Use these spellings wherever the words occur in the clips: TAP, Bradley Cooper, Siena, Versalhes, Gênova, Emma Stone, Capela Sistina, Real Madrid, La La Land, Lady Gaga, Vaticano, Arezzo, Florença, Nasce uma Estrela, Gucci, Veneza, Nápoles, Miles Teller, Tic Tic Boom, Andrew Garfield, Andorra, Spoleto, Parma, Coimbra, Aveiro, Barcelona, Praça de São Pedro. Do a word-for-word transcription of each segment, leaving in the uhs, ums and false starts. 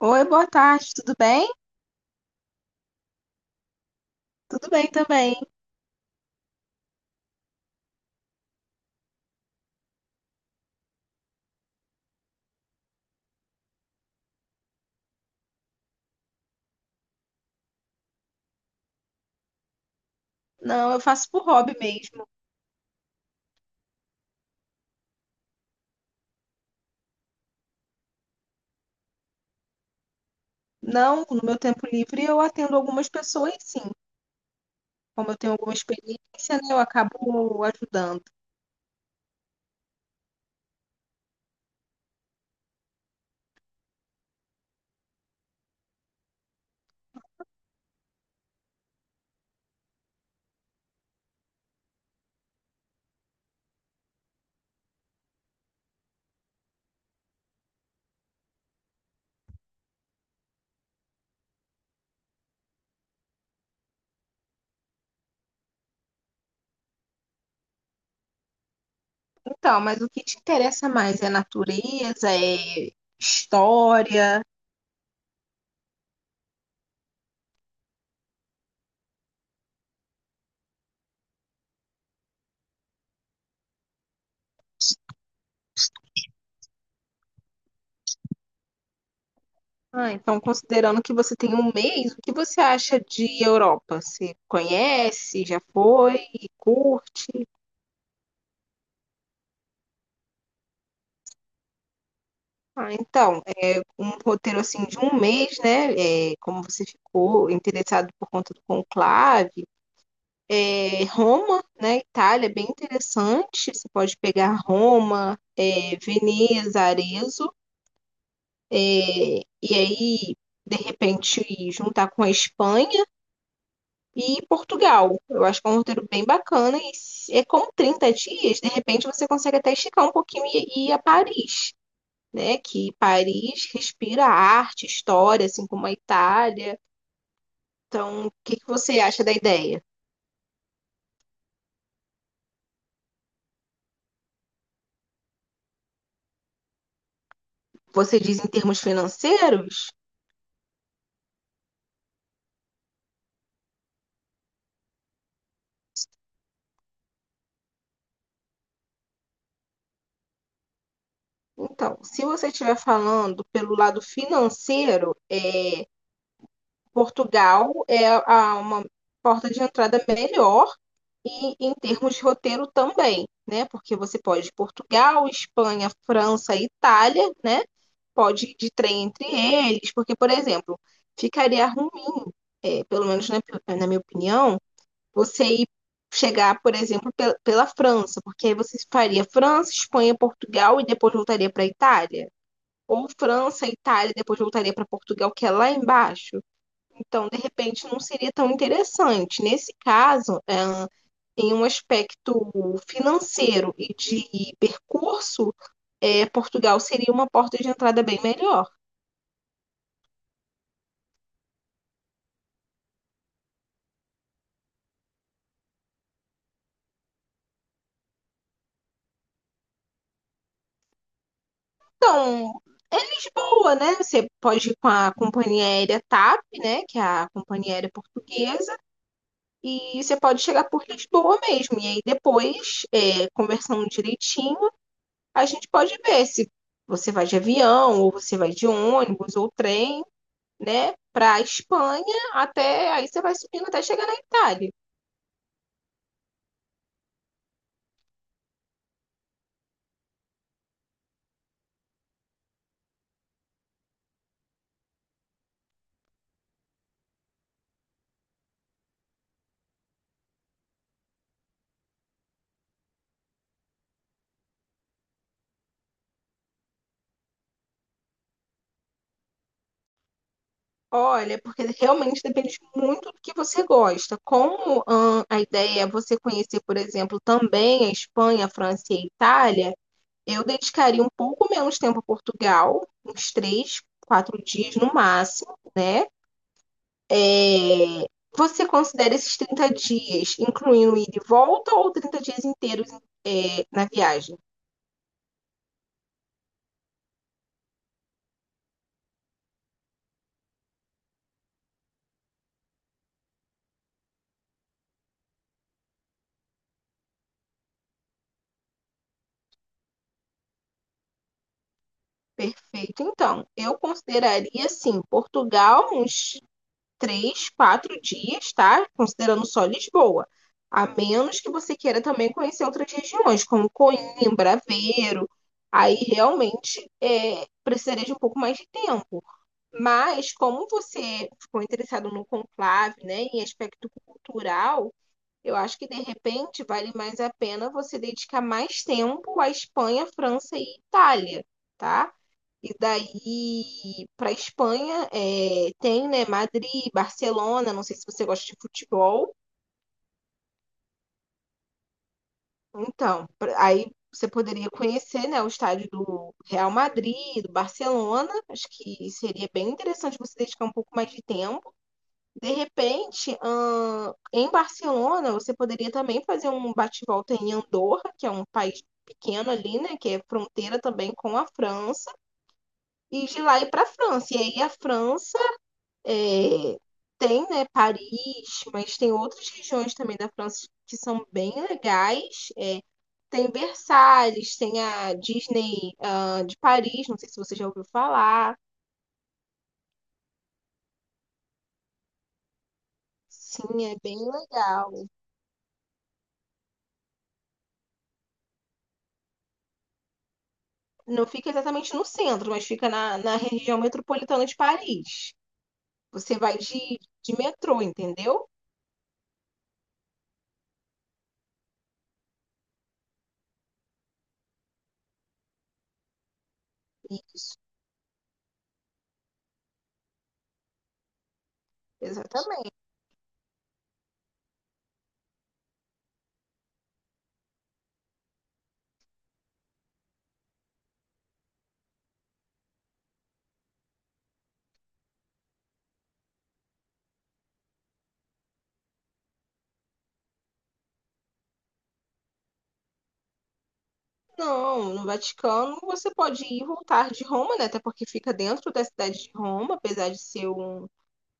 Oi, boa tarde, tudo bem? Tudo bem também. Não, eu faço por hobby mesmo. Não, no meu tempo livre eu atendo algumas pessoas, sim. Como eu tenho alguma experiência, né, eu acabo ajudando. Então, mas o que te interessa mais é natureza, é história? Ah, então, considerando que você tem um mês, o que você acha de Europa? Você conhece, já foi, curte? Ah, então, um roteiro assim de um mês, né? É, como você ficou interessado por conta do conclave, é, Roma, né? Itália, é bem interessante. Você pode pegar Roma, é, Veneza, Arezzo, é, e aí de repente juntar com a Espanha e Portugal. Eu acho que é um roteiro bem bacana e se- é como trinta dias, de repente você consegue até esticar um pouquinho e e ir a Paris. Né, que Paris respira arte, história, assim como a Itália. Então, o que que você acha da ideia? Você diz em termos financeiros? Então, se você estiver falando pelo lado financeiro, é, Portugal é a- uma porta de entrada melhor e em termos de roteiro também, né? Porque você pode ir Portugal, Espanha, França, Itália, né? Pode ir de trem entre eles, porque, por exemplo, ficaria ruim, é, pelo menos na, na minha opinião, você ir chegar, por exemplo, pe- pela França, porque aí você faria França, Espanha, Portugal e depois voltaria para Itália. Ou França, Itália, e depois voltaria para Portugal, que é lá embaixo. Então, de repente, não seria tão interessante. Nesse caso, é, em um aspecto financeiro e de percurso, é, Portugal seria uma porta de entrada bem melhor. Então, é Lisboa, né? Você pode ir com a companhia aérea TAP, né? Que é a companhia aérea portuguesa. E você pode chegar por Lisboa mesmo. E aí depois, é, conversando direitinho, a gente pode ver se você vai de avião, ou você vai de ônibus, ou trem, né? Para a Espanha, até aí você vai subindo até chegar na Itália. Olha, porque realmente depende muito do que você gosta. Como hum, a ideia é você conhecer, por exemplo, também a Espanha, a França e a Itália, eu dedicaria um pouco menos tempo a Portugal, uns três, quatro dias no máximo, né? É, você considera esses trinta dias, incluindo ida e volta, ou trinta dias inteiros na viagem? Perfeito. Então, eu consideraria, assim, Portugal uns três, quatro dias, tá? Considerando só Lisboa. A menos que você queira também conhecer outras regiões, como Coimbra, Aveiro. Aí realmente é, precisaria de um pouco mais de tempo. Mas, como você ficou interessado no conclave, né, em aspecto cultural, eu acho que de repente vale mais a pena você dedicar mais tempo à Espanha, França e Itália, tá? E daí para Espanha é, tem, né, Madrid, Barcelona, não sei se você gosta de futebol. Então, pra- aí você poderia conhecer, né, o estádio do Real Madrid, do Barcelona. Acho que seria bem interessante você dedicar um pouco mais de tempo. De repente, ahn, em Barcelona, você poderia também fazer um bate-volta em Andorra, que é um país pequeno ali, né, que é fronteira também com a França, e de lá ir para a França. E aí a França é, tem, né, Paris, mas tem outras regiões também da França que são bem legais. É, tem Versalhes, tem a Disney, ah, de Paris, não sei se você já ouviu falar. Sim, é bem legal. Não fica exatamente no centro, mas fica na, na região metropolitana de Paris. Você vai de, de metrô, entendeu? Isso, exatamente. Não, no Vaticano você pode ir e voltar de Roma, né? Até porque fica dentro da cidade de Roma, apesar de ser um,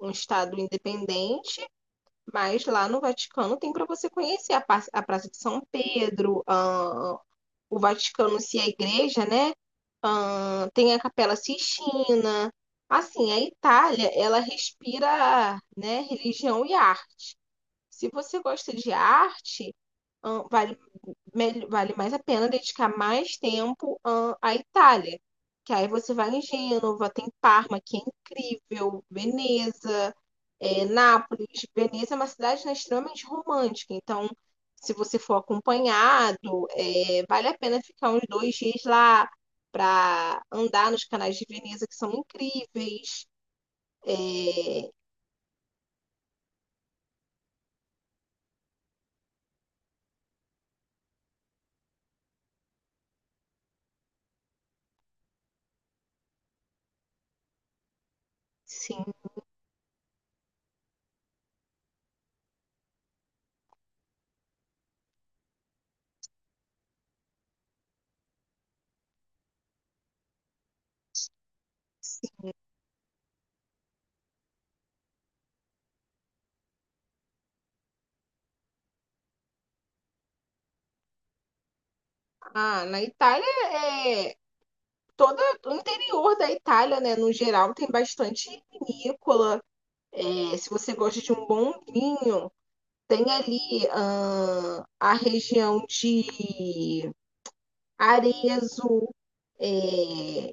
um estado independente. Mas lá no Vaticano tem para você conhecer a, pa- a Praça de São Pedro, a, o Vaticano se é igreja, né? Ahn, tem a Capela Sistina. Assim, a Itália, ela respira, né, religião e arte. Se você gosta de arte, ahn, vale, mel- vale mais a pena dedicar mais tempo, ahn, à Itália. Que aí você vai em Gênova, tem Parma, que é incrível, Veneza. É, Nápoles, Veneza é uma cidade, né, extremamente romântica, então se você for acompanhado, é, vale a pena ficar uns dois dias lá para andar nos canais de Veneza que são incríveis. É, sim, ah, na Itália é toda o interior da Itália, né, no geral tem bastante vinícola. É, se você gosta de um bom vinho, tem ali ah, a região de Arezzo. É,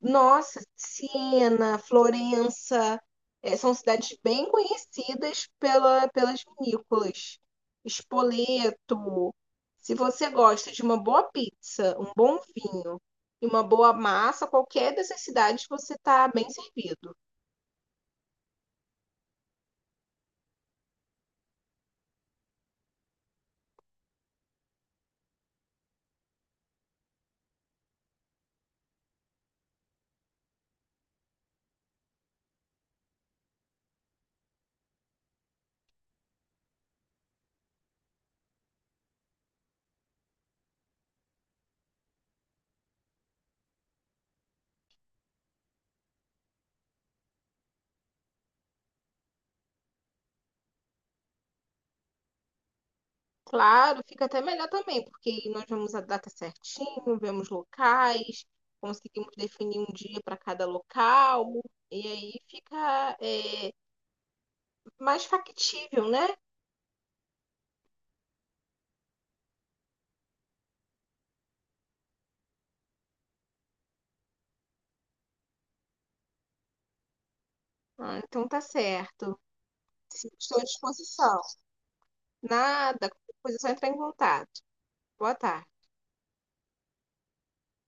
nossa, Siena, Florença, é, são cidades bem conhecidas pela, pelas vinícolas. Spoleto. Se você gosta de uma boa pizza, um bom vinho e uma boa massa, qualquer dessas cidades você está bem servido. Claro, fica até melhor também, porque aí nós vemos a data certinho, vemos locais, conseguimos definir um dia para cada local, e aí fica, é, mais factível, né? Ah, então tá certo. Estou à disposição. Nada, qualquer coisa é só entrar em contato. Boa tarde.